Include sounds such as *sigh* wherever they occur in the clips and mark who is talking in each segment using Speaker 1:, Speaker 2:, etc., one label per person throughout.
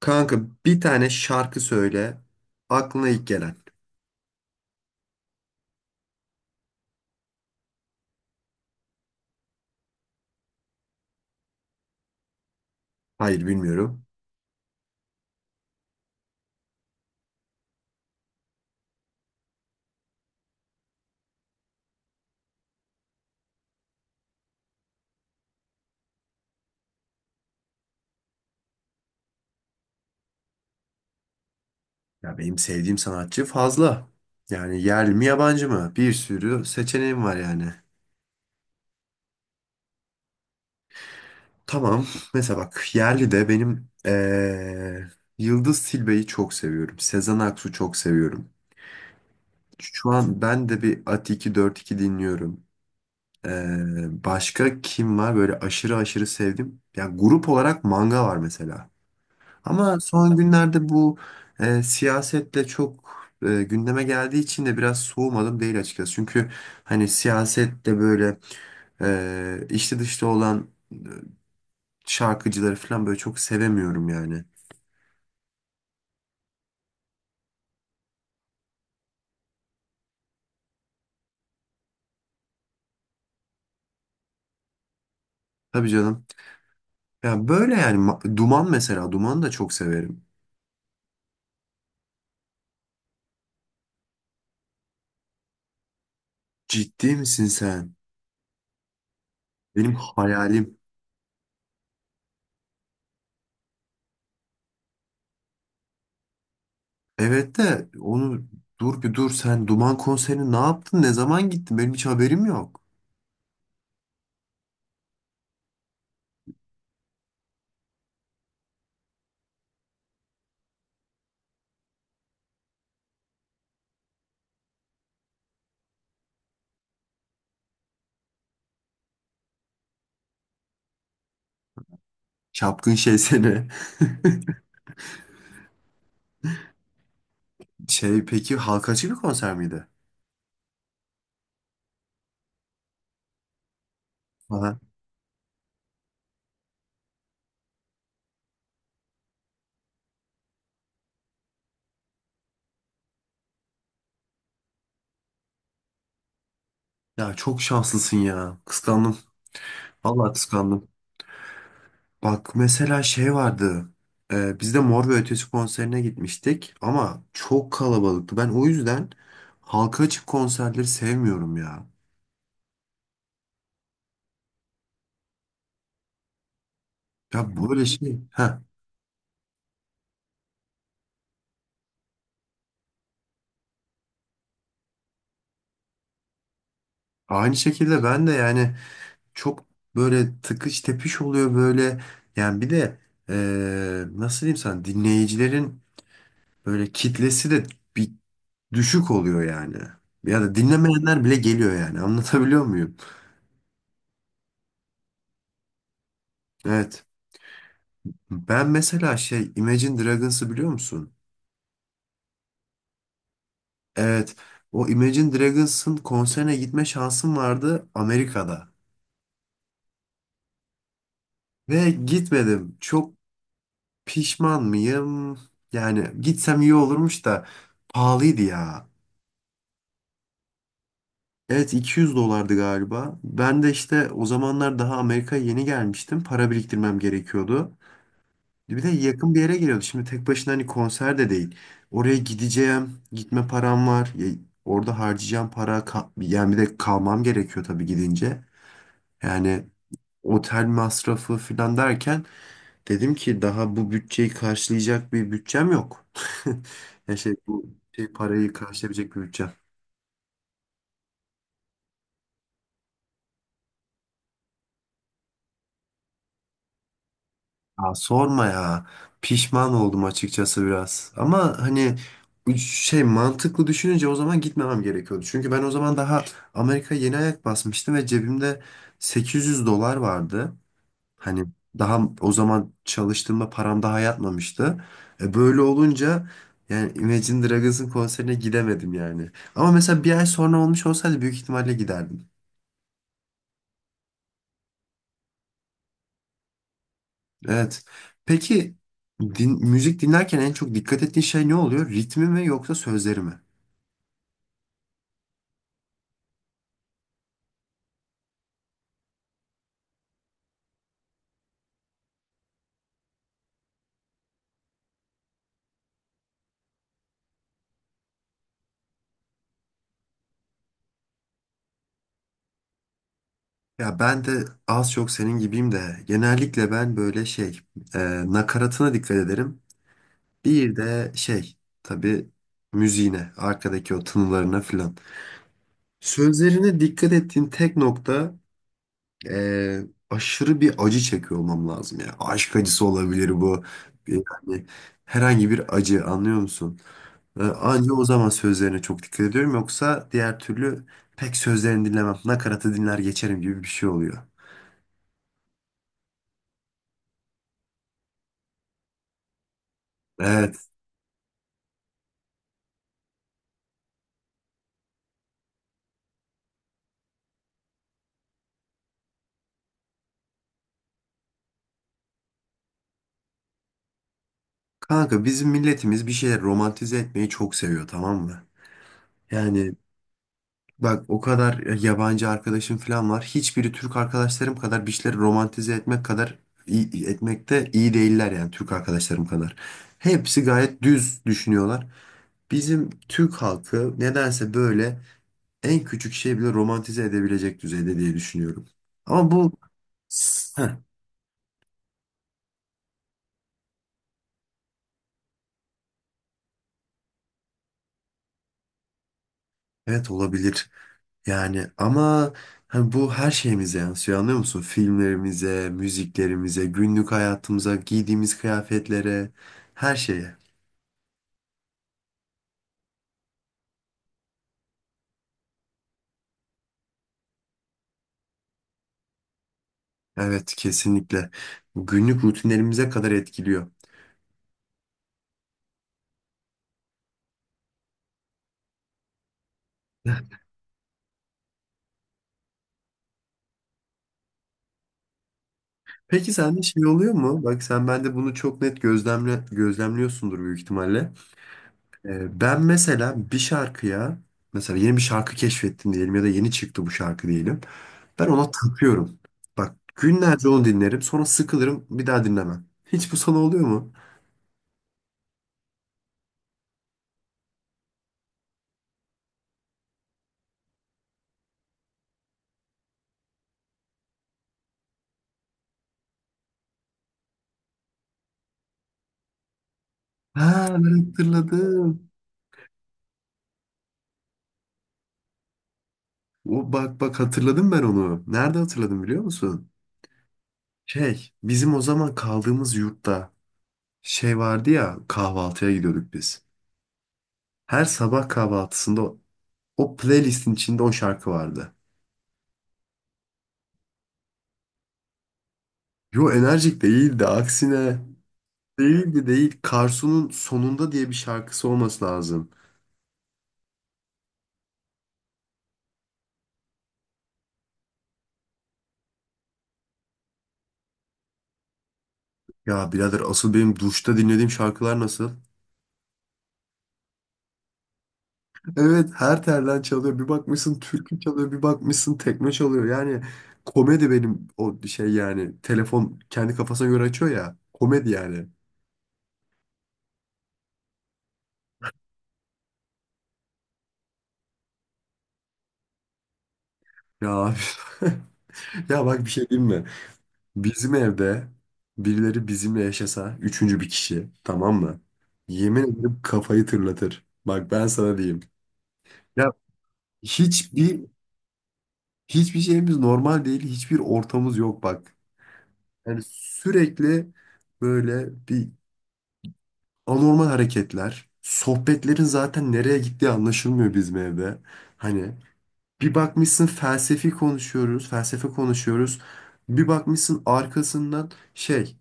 Speaker 1: Kanka, bir tane şarkı söyle. Aklına ilk gelen. Hayır, bilmiyorum. Ya benim sevdiğim sanatçı fazla. Yani yerli mi yabancı mı? Bir sürü seçeneğim var yani. Tamam. Mesela bak, yerli de benim Yıldız Tilbe'yi çok seviyorum. Sezen Aksu çok seviyorum. Şu an ben de bir Ati 242 dinliyorum. Eee, başka kim var böyle aşırı aşırı sevdim? Ya grup olarak Manga var mesela. Ama son günlerde bu siyasetle çok gündeme geldiği için de biraz soğumadım değil açıkçası. Çünkü hani siyasette böyle içli dışlı olan şarkıcıları falan böyle çok sevemiyorum yani. Tabii canım. Ya böyle yani Duman mesela, Duman'ı da çok severim. Ciddi misin sen? Benim hayalim. Evet de onu dur, bir dur sen, Duman konserini ne yaptın? Ne zaman gittin? Benim hiç haberim yok. Çapkın şey seni. *laughs* Şey, peki halka açık bir konser miydi? Aha. Ya çok şanslısın ya. Kıskandım. Vallahi kıskandım. Bak, mesela şey vardı. Biz de Mor ve Ötesi konserine gitmiştik ama çok kalabalıktı. Ben o yüzden halka açık konserleri sevmiyorum ya. Ya böyle şey. Heh. Aynı şekilde ben de yani çok böyle tıkış tepiş oluyor böyle. Yani bir de nasıl diyeyim sana, dinleyicilerin böyle kitlesi de bir düşük oluyor yani. Ya da dinlemeyenler bile geliyor yani. *laughs* Anlatabiliyor muyum? Evet. Ben mesela şey, Imagine Dragons'ı biliyor musun? Evet. O Imagine Dragons'ın konserine gitme şansım vardı Amerika'da. Ve gitmedim. Çok pişman mıyım? Yani gitsem iyi olurmuş da pahalıydı ya. Evet, 200 dolardı galiba. Ben de işte o zamanlar daha Amerika'ya yeni gelmiştim. Para biriktirmem gerekiyordu. Bir de yakın bir yere geliyordu. Şimdi tek başına hani konser de değil. Oraya gideceğim, gitme param var. Ya orada harcayacağım para, yani bir de kalmam gerekiyor tabii gidince. Yani otel masrafı falan derken dedim ki daha bu bütçeyi karşılayacak bir bütçem yok. *laughs* Ya şey, bu şey parayı karşılayabilecek bir bütçem. Ya sorma ya. Pişman oldum açıkçası biraz. Ama hani şey, mantıklı düşününce o zaman gitmemem gerekiyordu. Çünkü ben o zaman daha Amerika'ya yeni ayak basmıştım ve cebimde 800 dolar vardı. Hani daha o zaman çalıştığımda param daha yatmamıştı. E, böyle olunca yani Imagine Dragons'ın konserine gidemedim yani. Ama mesela bir ay sonra olmuş olsaydı büyük ihtimalle giderdim. Evet. Peki müzik dinlerken en çok dikkat ettiğin şey ne oluyor? Ritmi mi yoksa sözleri mi? Ya ben de az çok senin gibiyim de genellikle ben böyle şey, e, nakaratına dikkat ederim. Bir de şey, tabii müziğine, arkadaki o tınılarına filan. Sözlerine dikkat ettiğim tek nokta, e, aşırı bir acı çekiyor olmam lazım ya. Aşk acısı olabilir bu. Yani herhangi bir acı, anlıyor musun? Anca o zaman sözlerine çok dikkat ediyorum. Yoksa diğer türlü pek sözlerini dinlemem. Nakaratı dinler geçerim gibi bir şey oluyor. Evet. Kanka, bizim milletimiz bir şeyler romantize etmeyi çok seviyor, tamam mı? Yani bak, o kadar yabancı arkadaşım falan var. Hiçbiri Türk arkadaşlarım kadar bir şeyleri romantize etmek kadar iyi, etmekte iyi değiller yani Türk arkadaşlarım kadar. Hepsi gayet düz düşünüyorlar. Bizim Türk halkı nedense böyle en küçük şey bile romantize edebilecek düzeyde diye düşünüyorum. Ama bu heh, evet, olabilir. Yani ama hani bu her şeyimize yansıyor, anlıyor musun? Filmlerimize, müziklerimize, günlük hayatımıza, giydiğimiz kıyafetlere, her şeye. Evet, kesinlikle. Günlük rutinlerimize kadar etkiliyor. Peki sende şey oluyor mu? Bak sen bende bunu çok net gözlemliyorsundur büyük ihtimalle. Ben mesela bir şarkıya, mesela yeni bir şarkı keşfettim diyelim ya da yeni çıktı bu şarkı diyelim. Ben ona takıyorum. Bak, günlerce onu dinlerim sonra sıkılırım, bir daha dinlemem. Hiç bu sana oluyor mu? Ha, ben hatırladım. O, bak bak, hatırladım ben onu. Nerede hatırladım biliyor musun? Şey, bizim o zaman kaldığımız yurtta şey vardı ya, kahvaltıya gidiyorduk biz. Her sabah kahvaltısında o playlistin içinde o şarkı vardı. Yo, enerjik değildi aksine. Değildi değil. Karsu'nun Sonunda diye bir şarkısı olması lazım. Ya birader, asıl benim duşta dinlediğim şarkılar nasıl? Evet, her telden çalıyor. Bir bakmışsın türkü çalıyor. Bir bakmışsın tekme çalıyor. Yani komedi benim o şey yani. Telefon kendi kafasına göre açıyor ya. Komedi yani. Ya abi. *laughs* Ya bak, bir şey diyeyim mi? Bizim evde birileri bizimle yaşasa, üçüncü bir kişi, tamam mı? Yemin ederim kafayı tırlatır. Bak ben sana diyeyim. Ya, Hiçbir Hiçbir şeyimiz normal değil. Hiçbir ortamız yok bak. Yani sürekli böyle bir anormal hareketler. Sohbetlerin zaten nereye gittiği anlaşılmıyor bizim evde. Hani bir bakmışsın felsefi konuşuyoruz, felsefe konuşuyoruz. Bir bakmışsın arkasından şey,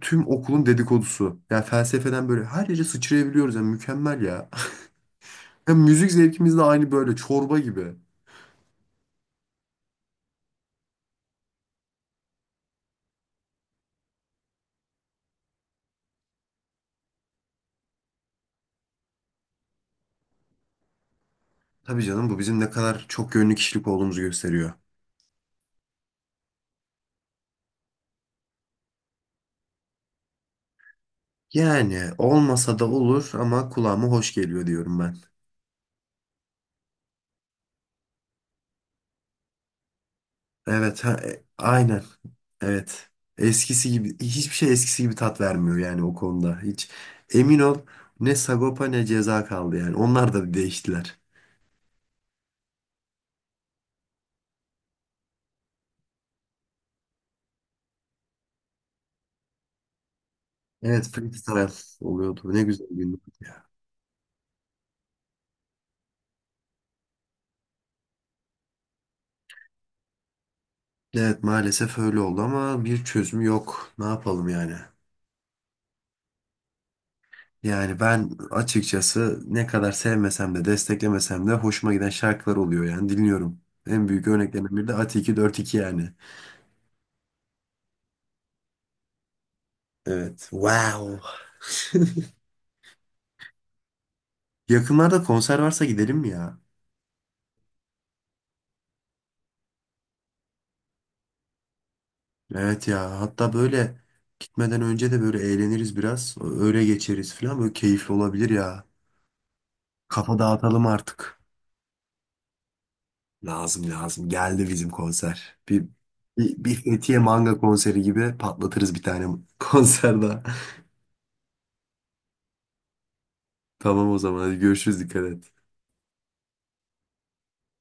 Speaker 1: tüm okulun dedikodusu. Yani felsefeden böyle her yere sıçrayabiliyoruz. Yani mükemmel ya. *laughs* Yani müzik zevkimiz de aynı böyle çorba gibi. Tabii canım, bu bizim ne kadar çok yönlü kişilik olduğumuzu gösteriyor. Yani olmasa da olur ama kulağıma hoş geliyor diyorum ben. Evet, ha, aynen. Evet. Eskisi gibi, hiçbir şey eskisi gibi tat vermiyor yani o konuda. Hiç emin ol, ne Sagopa ne Ceza kaldı yani. Onlar da değiştiler. Evet, freestyle oluyordu. Ne güzel gündü ya. Evet, maalesef öyle oldu ama bir çözüm yok. Ne yapalım yani? Yani ben açıkçası ne kadar sevmesem de desteklemesem de hoşuma giden şarkılar oluyor yani, dinliyorum. En büyük örneklerinden biri de Ati 242 yani. Evet. Wow. *laughs* Yakınlarda konser varsa gidelim mi ya? Evet ya, hatta böyle gitmeden önce de böyle eğleniriz biraz. Öyle geçeriz falan, böyle keyifli olabilir ya. Kafa dağıtalım artık. Lazım, lazım. Geldi bizim konser. Bir Fethiye Manga konseri gibi patlatırız bir tane *laughs* konser daha. Tamam o zaman, hadi görüşürüz, dikkat et.